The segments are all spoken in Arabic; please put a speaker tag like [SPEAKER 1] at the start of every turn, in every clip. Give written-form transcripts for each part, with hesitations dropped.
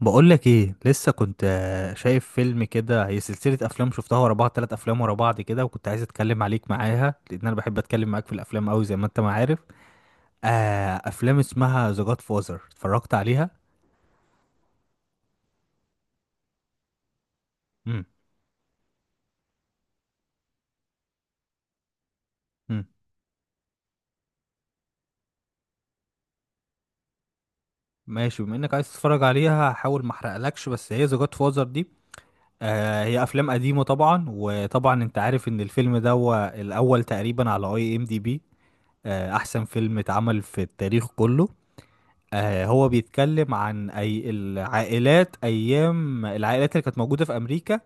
[SPEAKER 1] بقولك ايه لسه كنت شايف فيلم كده. هي سلسلة افلام شفتها ورا بعض، تلات افلام ورا بعض كده، وكنت عايز اتكلم عليك معاها لان انا بحب اتكلم معاك في الافلام قوي زي ما انت ما عارف. آه، افلام اسمها ذا جاد فازر اتفرجت عليها. امم امم. ماشي، بما انك عايز تتفرج عليها هحاول ما احرقلكش. بس هي ذا جاد فازر دي، آه، هي افلام قديمة طبعا، وطبعا انت عارف ان الفيلم ده هو الاول تقريبا على اي ام دي بي، احسن فيلم اتعمل في التاريخ كله. هو بيتكلم عن أي العائلات، أيام العائلات اللي كانت موجودة في أمريكا.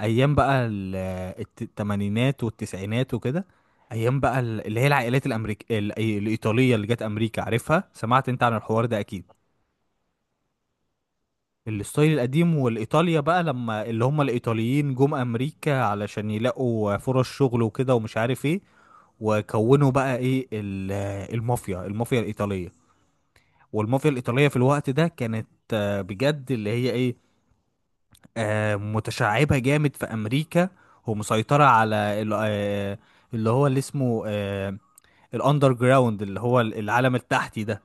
[SPEAKER 1] أيام بقى ال- الت- التمانينات والتسعينات وكده. أيام بقى اللي هي العائلات الإيطالية اللي جت أمريكا، عارفها، سمعت أنت عن الحوار ده أكيد. الستايل القديم، والإيطاليا بقى لما اللي هم الإيطاليين جم أمريكا علشان يلاقوا فرص شغل وكده ومش عارف إيه، وكونوا بقى إيه المافيا الإيطالية. والمافيا الإيطالية في الوقت ده كانت، بجد، اللي هي إيه، متشعبة جامد في أمريكا، ومسيطرة على اللي هو اللي اسمه، الأندر جراوند، اللي هو العالم التحتي ده.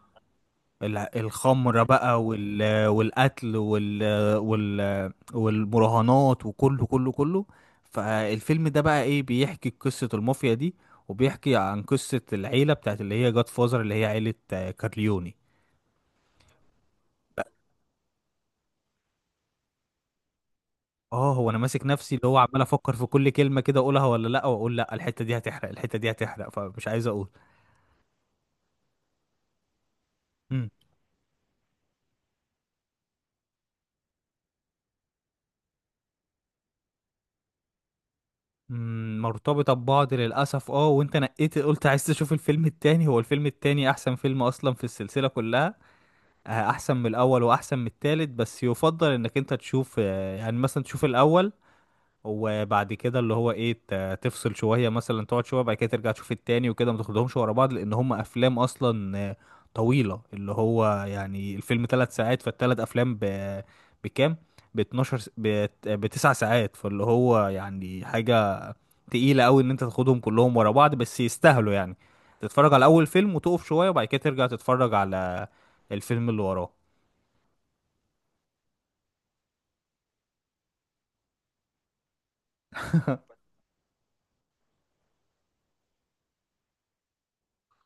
[SPEAKER 1] الخمرة بقى، والقتل، والمراهنات، وكله كله كله. فالفيلم ده بقى إيه، بيحكي قصة المافيا دي، وبيحكي عن قصة العيلة بتاعت اللي هي جاد فازر، اللي هي عيلة، كارليوني. اه، هو انا ماسك نفسي، اللي هو عمال افكر في كل كلمه كده اقولها ولا لا، واقول لا، الحته دي هتحرق، الحته دي هتحرق، فمش عايز اقول. امم. أمم، مرتبطه ببعض للاسف. اه، وانت نقيت قلت عايز تشوف الفيلم التاني. هو الفيلم التاني احسن فيلم اصلا في السلسله كلها. احسن من الاول واحسن من التالت. بس يفضل انك انت تشوف، يعني مثلا تشوف الاول، وبعد كده اللي هو ايه تفصل شويه، مثلا تقعد شويه بعد كده ترجع تشوف التاني وكده، ما تاخدهمش ورا بعض، لان هم افلام اصلا طويله. اللي هو يعني الفيلم ثلاث ساعات، فالثلاث افلام بكام؟ ب 12 بتسع ساعات. فاللي هو يعني حاجه تقيله قوي ان انت تاخدهم كلهم ورا بعض، بس يستاهلوا يعني تتفرج على اول فيلم، وتقف شويه، وبعد كده ترجع تتفرج على الفيلم اللي وراه.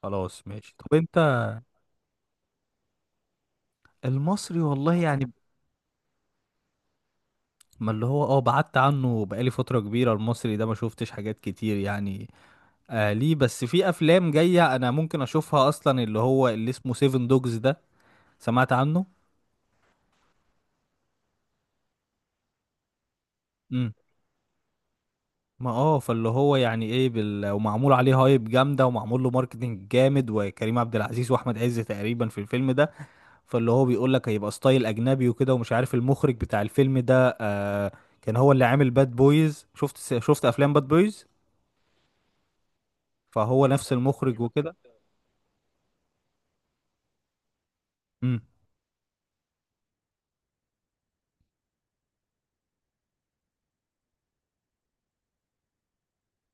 [SPEAKER 1] خلاص ماشي. طب انت، المصري والله يعني، ما اللي هو اه بعدت عنه بقالي فترة كبيرة، المصري ده ما شفتش حاجات كتير يعني. آه، ليه بس؟ في افلام جاية انا ممكن اشوفها، اصلا اللي هو اللي اسمه سيفن دوجز ده، سمعت عنه. امم. ما اه، فاللي هو يعني ايه ومعمول عليه هايب جامدة، ومعمول له ماركتنج جامد، وكريم عبد العزيز واحمد عز تقريبا في الفيلم ده. فاللي هو بيقول لك هيبقى ستايل اجنبي وكده، ومش عارف المخرج بتاع الفيلم ده كان هو اللي عامل باد بويز. شفت افلام باد بويز، فهو نفس المخرج وكده.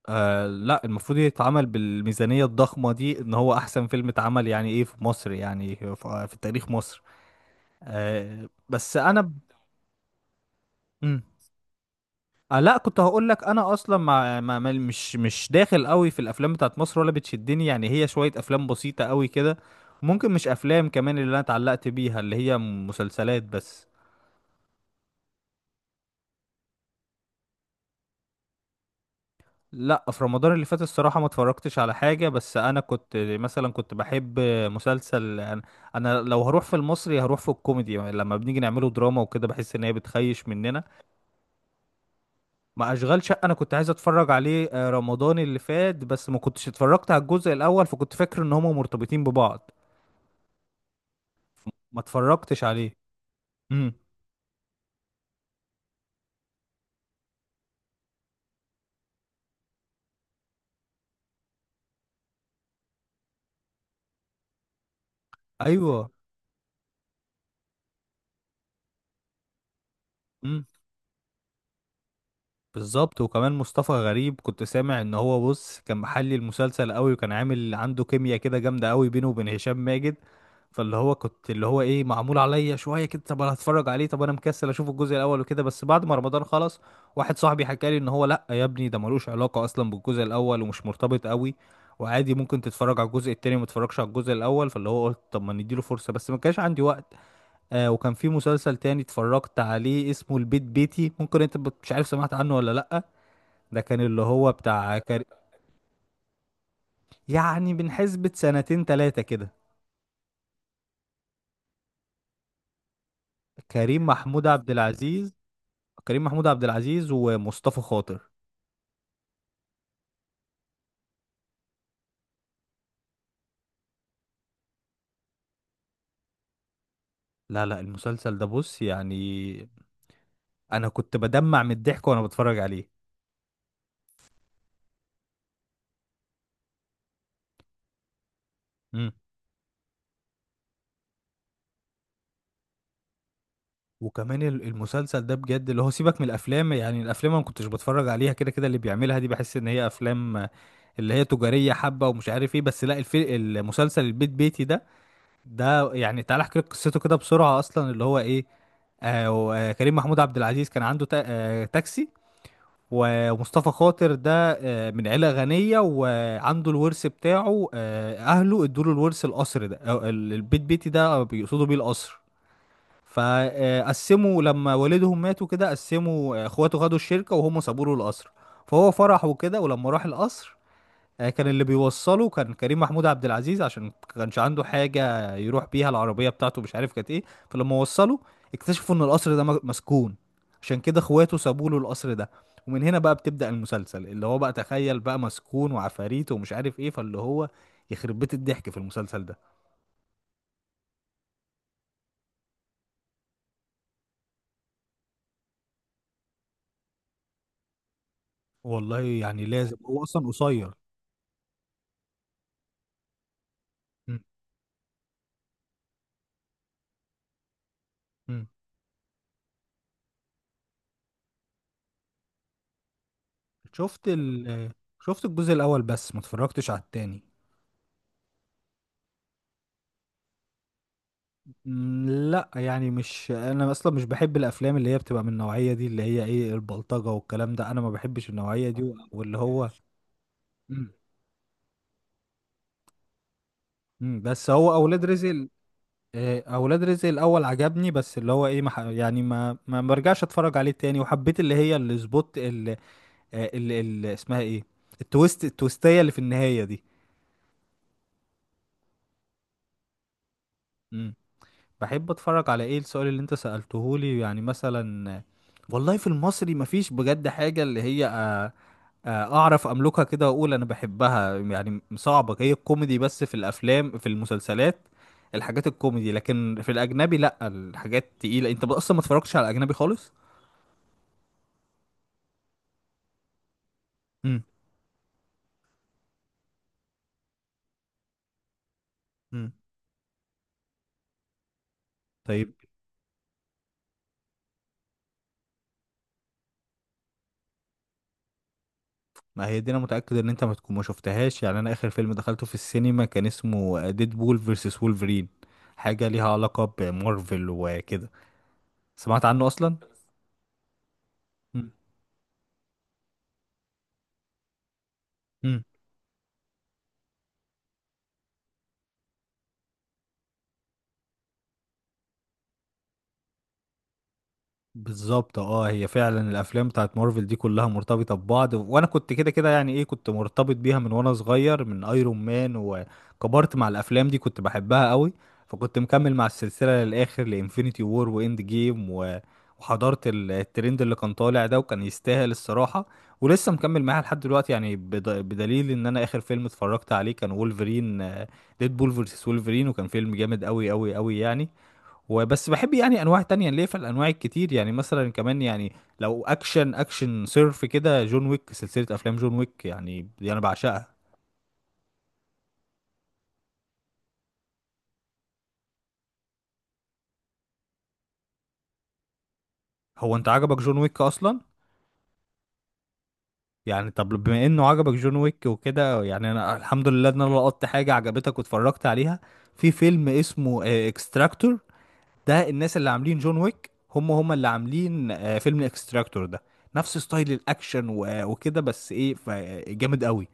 [SPEAKER 1] آه لا، المفروض يتعمل بالميزانية الضخمة دي ان هو احسن فيلم اتعمل، يعني ايه، في مصر، يعني في في تاريخ مصر. آه بس انا مم. آه لا، كنت هقول لك انا اصلا مش داخل قوي في الافلام بتاعت مصر ولا بتشدني. يعني هي شوية افلام بسيطة قوي كده. ممكن مش افلام كمان اللي انا اتعلقت بيها، اللي هي مسلسلات بس. لا في رمضان اللي فات الصراحة ما اتفرجتش على حاجة. بس انا كنت مثلا بحب مسلسل، انا أنا لو هروح في المصري هروح في الكوميدي. لما بنيجي نعمله دراما وكده بحس ان هي بتخيش مننا. ما اشغال شقة انا كنت عايز اتفرج عليه، رمضان اللي فات، بس ما كنتش اتفرجت على الجزء الاول فكنت فاكر ان هما مرتبطين ببعض، ما اتفرجتش عليه. امم. ايوه. امم. بالظبط. وكمان مصطفى غريب كنت سامع ان هو، بص، كان محلي المسلسل قوي، وكان عامل عنده كيمياء كده جامده قوي بينه وبين هشام ماجد. فاللي هو كنت اللي هو ايه، معمول عليا شويه كده، طب انا هتفرج عليه. طب انا مكسل اشوف الجزء الاول وكده، بس بعد ما رمضان خلص، واحد صاحبي حكى لي ان هو لا يا ابني، ده ملوش علاقه اصلا بالجزء الاول ومش مرتبط قوي، وعادي ممكن تتفرج على الجزء التاني وما تتفرجش على الجزء الاول. فاللي هو قلت طب ما نديله فرصه، بس ما كانش عندي وقت. آه، وكان في مسلسل تاني اتفرجت عليه اسمه البيت بيتي. ممكن انت مش عارف سمعت عنه ولا لا. ده كان اللي هو بتاع يعني من حسبة سنتين تلاتة كده. كريم محمود عبد العزيز. كريم محمود عبد العزيز ومصطفى خاطر. لا، المسلسل ده بص يعني، انا كنت بدمع من الضحك وانا بتفرج عليه. مم. وكمان المسلسل ده بجد، اللي هو سيبك من الافلام، يعني الافلام انا ما كنتش بتفرج عليها كده كده. اللي بيعملها دي بحس ان هي افلام اللي هي تجارية حبة ومش عارف ايه. بس لا المسلسل البيت بيتي ده، ده يعني تعالى احكي لك قصته كده بسرعه. اصلا اللي هو ايه، كريم محمود عبد العزيز كان عنده تاكسي، ومصطفى خاطر ده، من عيله غنيه، وعنده الورث بتاعه، آه، اهله ادوا له الورث، القصر ده، أو البيت بيتي ده بيقصدوا بيه القصر. فقسموا لما والدهم ماتوا كده، قسموا، اخواته خدوا الشركه وهم سابوا له القصر، فهو فرح وكده. ولما راح القصر، كان اللي بيوصله كان كريم محمود عبد العزيز، عشان كانش عنده حاجة يروح بيها، العربية بتاعته مش عارف كانت ايه. فلما وصله اكتشفوا ان القصر ده مسكون. عشان كده اخواته سابوا له القصر ده. ومن هنا بقى بتبدأ المسلسل، اللي هو بقى تخيل بقى، مسكون وعفاريت ومش عارف ايه، فاللي هو يخرب بيت الضحك في المسلسل ده. والله يعني لازم، هو اصلا قصير. م- م. شفت ال شفت الجزء الاول بس ما اتفرجتش على التاني. مم، لا يعني، مش انا اصلا مش بحب الافلام اللي هي بتبقى من النوعيه دي، اللي هي ايه البلطجه والكلام ده، انا ما بحبش النوعيه دي، واللي هو. مم. مم، بس هو اولاد رزق اولاد رزق الاول عجبني، بس اللي هو ايه ما ح- يعني ما ما برجعش اتفرج عليه تاني. وحبيت اللي هي السبوت اللي اسمها ايه، التويست، التويستيه اللي في النهايه دي. بحب اتفرج على ايه؟ السؤال اللي انت سألتهولي يعني مثلا، والله في المصري مفيش بجد حاجة اللي هي اعرف املكها كده واقول انا بحبها. يعني صعبة. هي الكوميدي بس، في الافلام في المسلسلات، الحاجات الكوميدي. لكن في الاجنبي لا، الحاجات تقيلة. انت اصلا ما اتفرجتش على الاجنبي خالص. امم. امم. طيب، ما هي دي، انا متأكد ان انت ما تكون ما شفتهاش، يعني انا اخر فيلم دخلته في السينما كان اسمه ديدبول فيرسس وولفرين. حاجة ليها علاقة بمارفل وكده. سمعت عنه اصلا؟ مم. مم. بالظبط. اه، هي فعلا الافلام بتاعت مارفل دي كلها مرتبطه ببعض، وانا كنت كده كده يعني ايه، كنت مرتبط بيها من وانا صغير، من ايرون مان، وكبرت مع الافلام دي كنت بحبها قوي. فكنت مكمل مع السلسله للاخر، لانفينيتي وور واند جيم وحضرت الترند اللي كان طالع ده، وكان يستاهل الصراحه. ولسه مكمل معاها لحد دلوقتي يعني. بدليل ان انا اخر فيلم اتفرجت عليه كان وولفرين، ديد بول فيرسس وولفرين، وكان فيلم جامد قوي قوي قوي يعني. وبس بحب يعني انواع تانية ليه، في الانواع الكتير يعني. مثلا كمان يعني، لو اكشن، اكشن صرف كده، جون ويك، سلسلة افلام جون ويك يعني، دي انا بعشقها. هو انت عجبك جون ويك اصلا؟ يعني طب بما انه عجبك جون ويك وكده، يعني انا الحمد لله ان انا لقطت حاجة عجبتك واتفرجت عليها. في فيلم اسمه اكستراكتور، ده الناس اللي عاملين جون ويك هم هم اللي عاملين، فيلم اكستراكتور ده، نفس ستايل الاكشن وكده، بس ايه جامد قوي.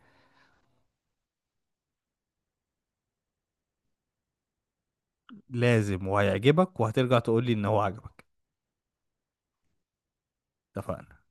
[SPEAKER 1] لازم، وهيعجبك، وهترجع تقول لي ان هو عجبك. اتفقنا.